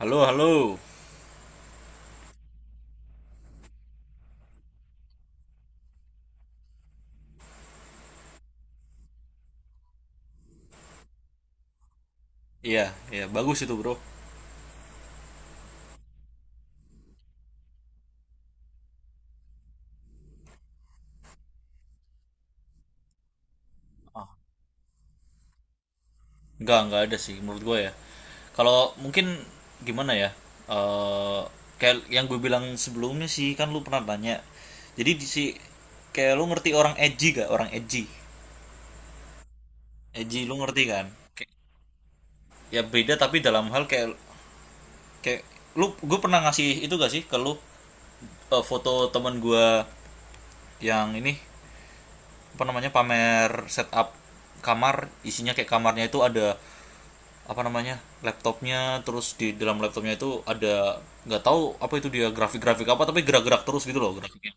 Halo, halo. Iya, iya, bagus itu, Bro. Enggak ada sih menurut gue ya. Kalau mungkin gimana ya? Eh kayak yang gue bilang sebelumnya sih kan lu pernah tanya. Jadi di si kayak lu ngerti orang edgy gak? Orang edgy. Edgy lu ngerti kan? Kayak- ya beda tapi dalam hal kayak kayak gue pernah ngasih itu gak sih ke lu, foto temen gue yang ini apa namanya pamer setup kamar isinya kayak kamarnya itu ada apa namanya laptopnya terus di dalam laptopnya itu ada nggak tahu apa itu dia grafik-grafik apa tapi gerak-gerak terus gitu loh grafiknya.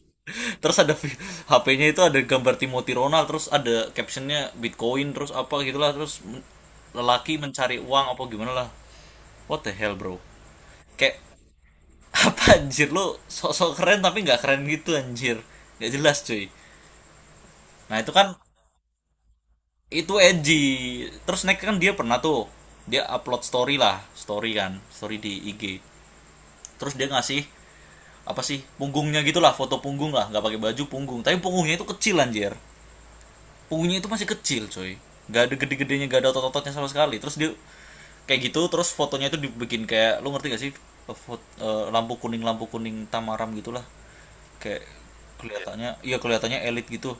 Terus ada HP-nya itu ada gambar Timothy Ronald terus ada captionnya Bitcoin terus apa gitulah terus lelaki mencari uang apa gimana lah, what the hell bro, kayak apa anjir lu sok-sok keren tapi nggak keren gitu anjir, nggak jelas cuy. Nah itu kan itu edgy. Terus naik kan dia pernah tuh dia upload story lah story kan story di IG terus dia ngasih apa sih punggungnya gitulah foto punggung lah nggak pakai baju punggung tapi punggungnya itu kecil anjir, punggungnya itu masih kecil coy, nggak ada gede-gedenya nggak ada otot-ototnya sama sekali terus dia kayak gitu terus fotonya itu dibikin kayak lu ngerti gak sih. Lampu kuning tamaram gitulah kayak kelihatannya iya kelihatannya elit gitu,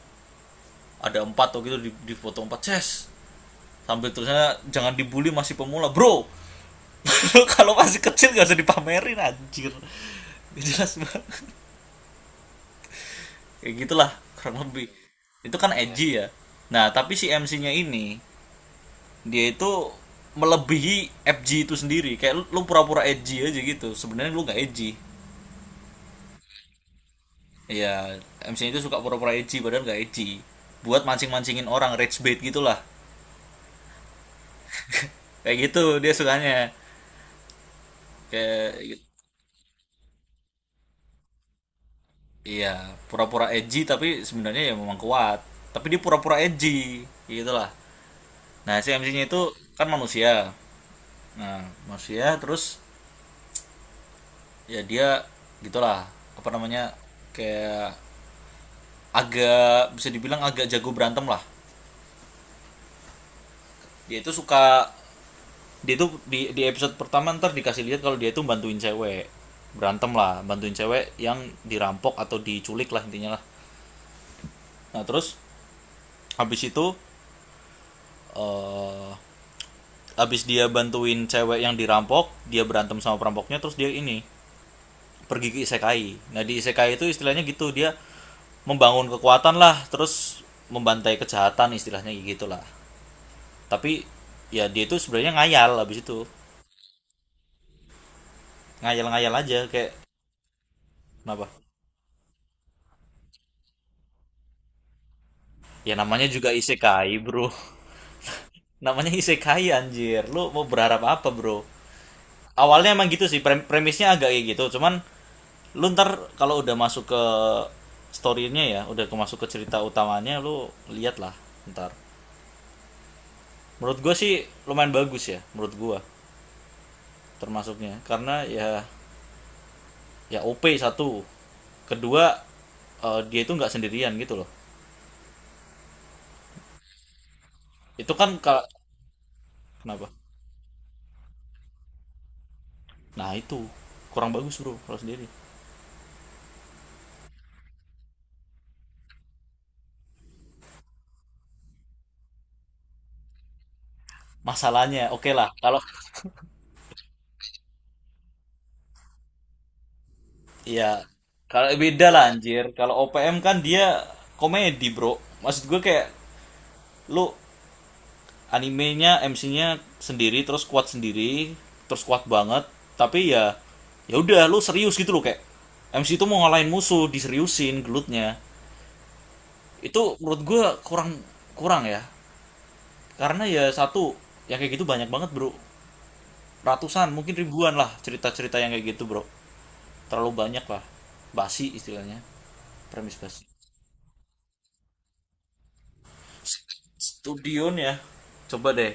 ada empat tuh gitu di foto empat ces sambil tulisannya jangan dibully masih pemula bro. Kalau masih kecil gak usah dipamerin anjir, jelas banget kayak gitulah kurang lebih. Itu kan edgy ya. Nah tapi si MC-nya ini dia itu melebihi FG itu sendiri, kayak lu, pura-pura edgy aja gitu sebenarnya lu nggak edgy ya. MC-nya itu suka pura-pura edgy padahal nggak edgy buat mancing-mancingin orang, rage bait gitulah. Kayak gitu dia sukanya, kayak, iya, pura-pura edgy tapi sebenarnya ya memang kuat. Tapi dia pura-pura edgy, gitu lah. Nah, si MC-nya itu kan manusia. Nah, manusia terus ya dia gitulah, apa namanya? Kayak agak bisa dibilang agak jago berantem lah. Dia itu suka dia itu di episode pertama ntar dikasih lihat kalau dia itu bantuin cewek berantem lah, bantuin cewek yang dirampok atau diculik lah intinya lah. Nah, terus habis itu, eh uh, abis dia bantuin cewek yang dirampok dia berantem sama perampoknya terus dia ini pergi ke isekai, nah di isekai itu istilahnya gitu dia membangun kekuatan lah terus membantai kejahatan istilahnya gitu lah. Tapi ya dia itu sebenarnya ngayal abis itu, ngayal-ngayal aja kayak kenapa, ya namanya juga isekai bro. Namanya isekai anjir lu mau berharap apa bro. Awalnya emang gitu sih premisnya agak kayak gitu, cuman lu ntar kalau udah masuk ke story-nya ya udah masuk ke cerita utamanya lu lihat lah ntar. Menurut gue sih lumayan bagus ya menurut gue, termasuknya karena ya ya OP satu, kedua, dia itu nggak sendirian gitu loh. Itu kan kenapa, nah itu kurang bagus bro kalau sendiri. Masalahnya oke lah kalau, iya, kalau beda lah anjir. Kalau OPM kan dia komedi, bro. Maksud gue kayak lu, animenya, MC-nya sendiri, terus kuat banget. Tapi ya, ya udah lu serius gitu loh kayak MC itu mau ngalahin musuh, diseriusin gelutnya. Itu menurut gue kurang kurang ya. Karena ya satu, ya kayak gitu banyak banget, bro. Ratusan, mungkin ribuan lah cerita-cerita yang kayak gitu, bro. Terlalu banyak lah. Basi istilahnya. Premis basi. Studion ya. Coba deh.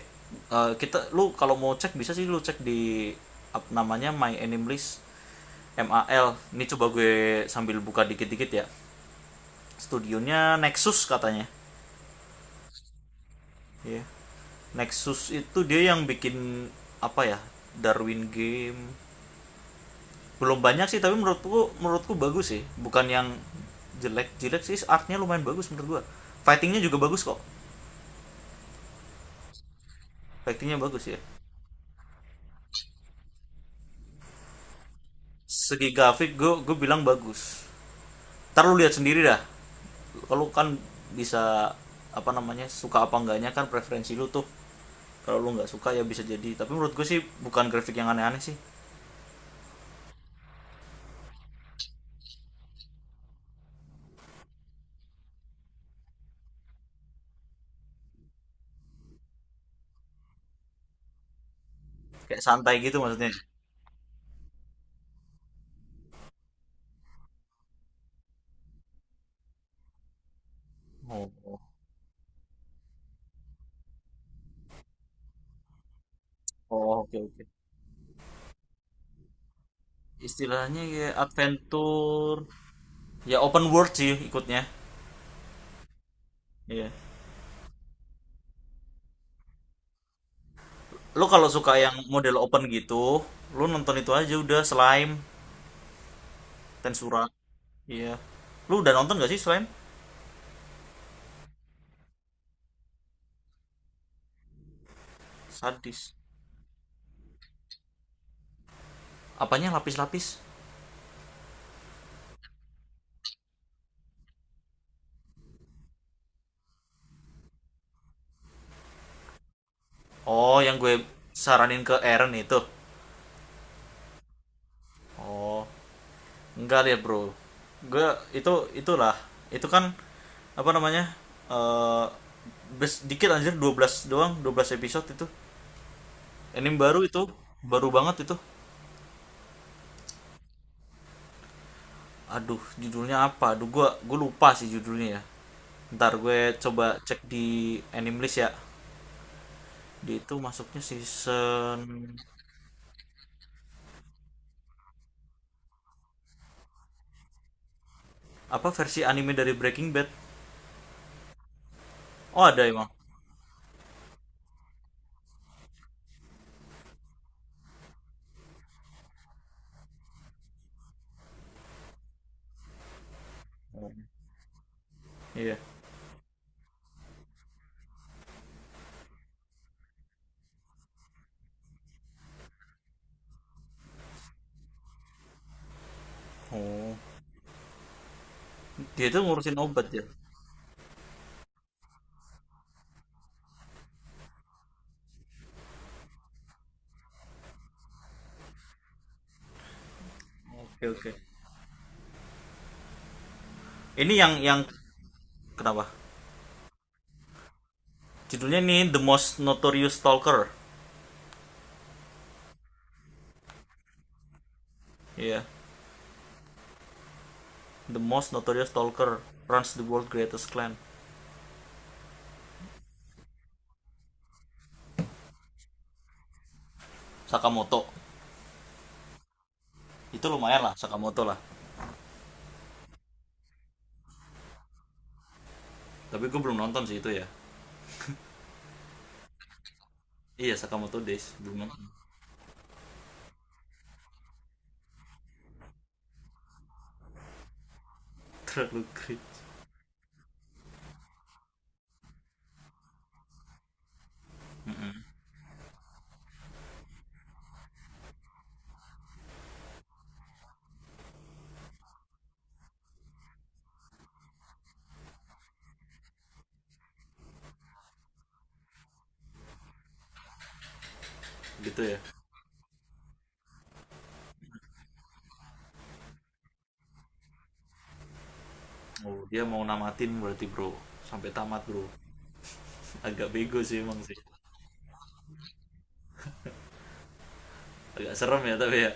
Kita lu kalau mau cek bisa sih lu cek di namanya My Anime List, MAL. Ini coba gue sambil buka dikit-dikit ya. Studionya Nexus katanya. Iya. Nexus itu dia yang bikin apa ya? Darwin Game. Belum banyak sih tapi menurutku menurutku bagus sih. Bukan yang jelek-jelek sih, artnya lumayan bagus menurut gua. Fightingnya juga bagus kok. Fightingnya bagus ya. Segi grafik gue bilang bagus, ntar lu lihat sendiri dah, kalau kan bisa apa namanya suka apa enggaknya kan preferensi lu tuh. Kalau lu nggak suka ya bisa jadi, tapi menurut gue sih bukan grafik yang aneh-aneh sih. Kayak santai gitu maksudnya. Oh oh. Oh, oke oke. Istilahnya ya adventure. Ya open world sih ikutnya. Iya. Lu kalau suka yang model open gitu lu nonton itu aja udah slime, Tensura. Iya. Lu udah nonton gak sih slime? Sadis, apanya lapis-lapis. Oh yang gue saranin ke Eren itu? Oh, enggak ya bro. Gue itu itulah. Itu kan apa namanya? Eh dikit anjir, 12 doang, 12 episode itu. Anime baru itu, baru banget itu. Aduh, judulnya apa? Aduh, gue lupa sih judulnya ya. Ntar gue coba cek di anime list ya. Di itu masuknya season, apa versi anime dari Breaking Bad. Oh, ada emang. Oh, iya. Oh, dia itu ngurusin obat ya. Oke, oke. Ini yang kenapa? Judulnya nih The Most Notorious Stalker. Iya, yeah. The Most Notorious Stalker Runs the World's Greatest Clan. Sakamoto. Itu lumayan lah Sakamoto lah. Tapi gue belum nonton sih itu ya. Iya Sakamoto Days belum nonton. Terlalu cringe. Gitu ya. Oh, dia mau namatin berarti bro. Sampai tamat bro. Agak bego sih emang sih. Agak serem ya tapi ya.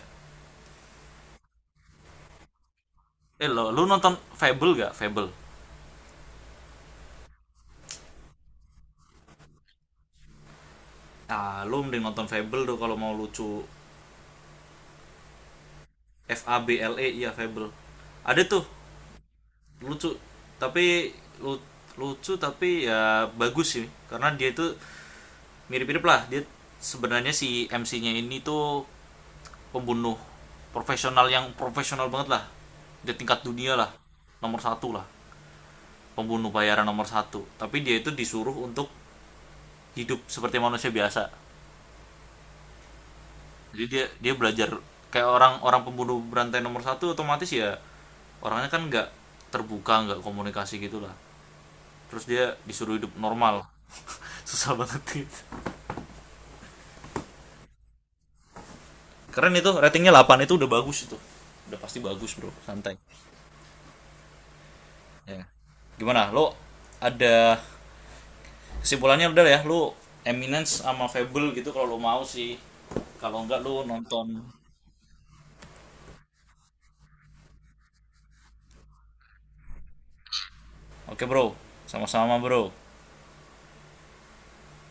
Eh lo, lu nonton Fable gak? Fable. Ah, lu mending nonton Fable tuh kalau mau lucu. FABLE iya Fable. Ada tuh lucu tapi lu- lucu tapi ya bagus sih, karena dia itu mirip-mirip lah dia sebenarnya si MC-nya ini tuh pembunuh profesional yang profesional banget lah, dia tingkat dunia lah, nomor satu lah, pembunuh bayaran nomor satu tapi dia itu disuruh untuk hidup seperti manusia biasa. Jadi dia dia belajar kayak orang orang pembunuh berantai nomor satu otomatis ya orangnya kan nggak terbuka, nggak komunikasi gitulah, terus dia disuruh hidup normal. Susah banget gitu. Keren itu ratingnya 8 itu udah bagus itu, udah pasti bagus bro santai, ya. Gimana lo, ada kesimpulannya udah ya lo, Eminence sama Fable gitu kalau lo mau sih, kalau enggak lo nonton. Oke bro, sama-sama bro.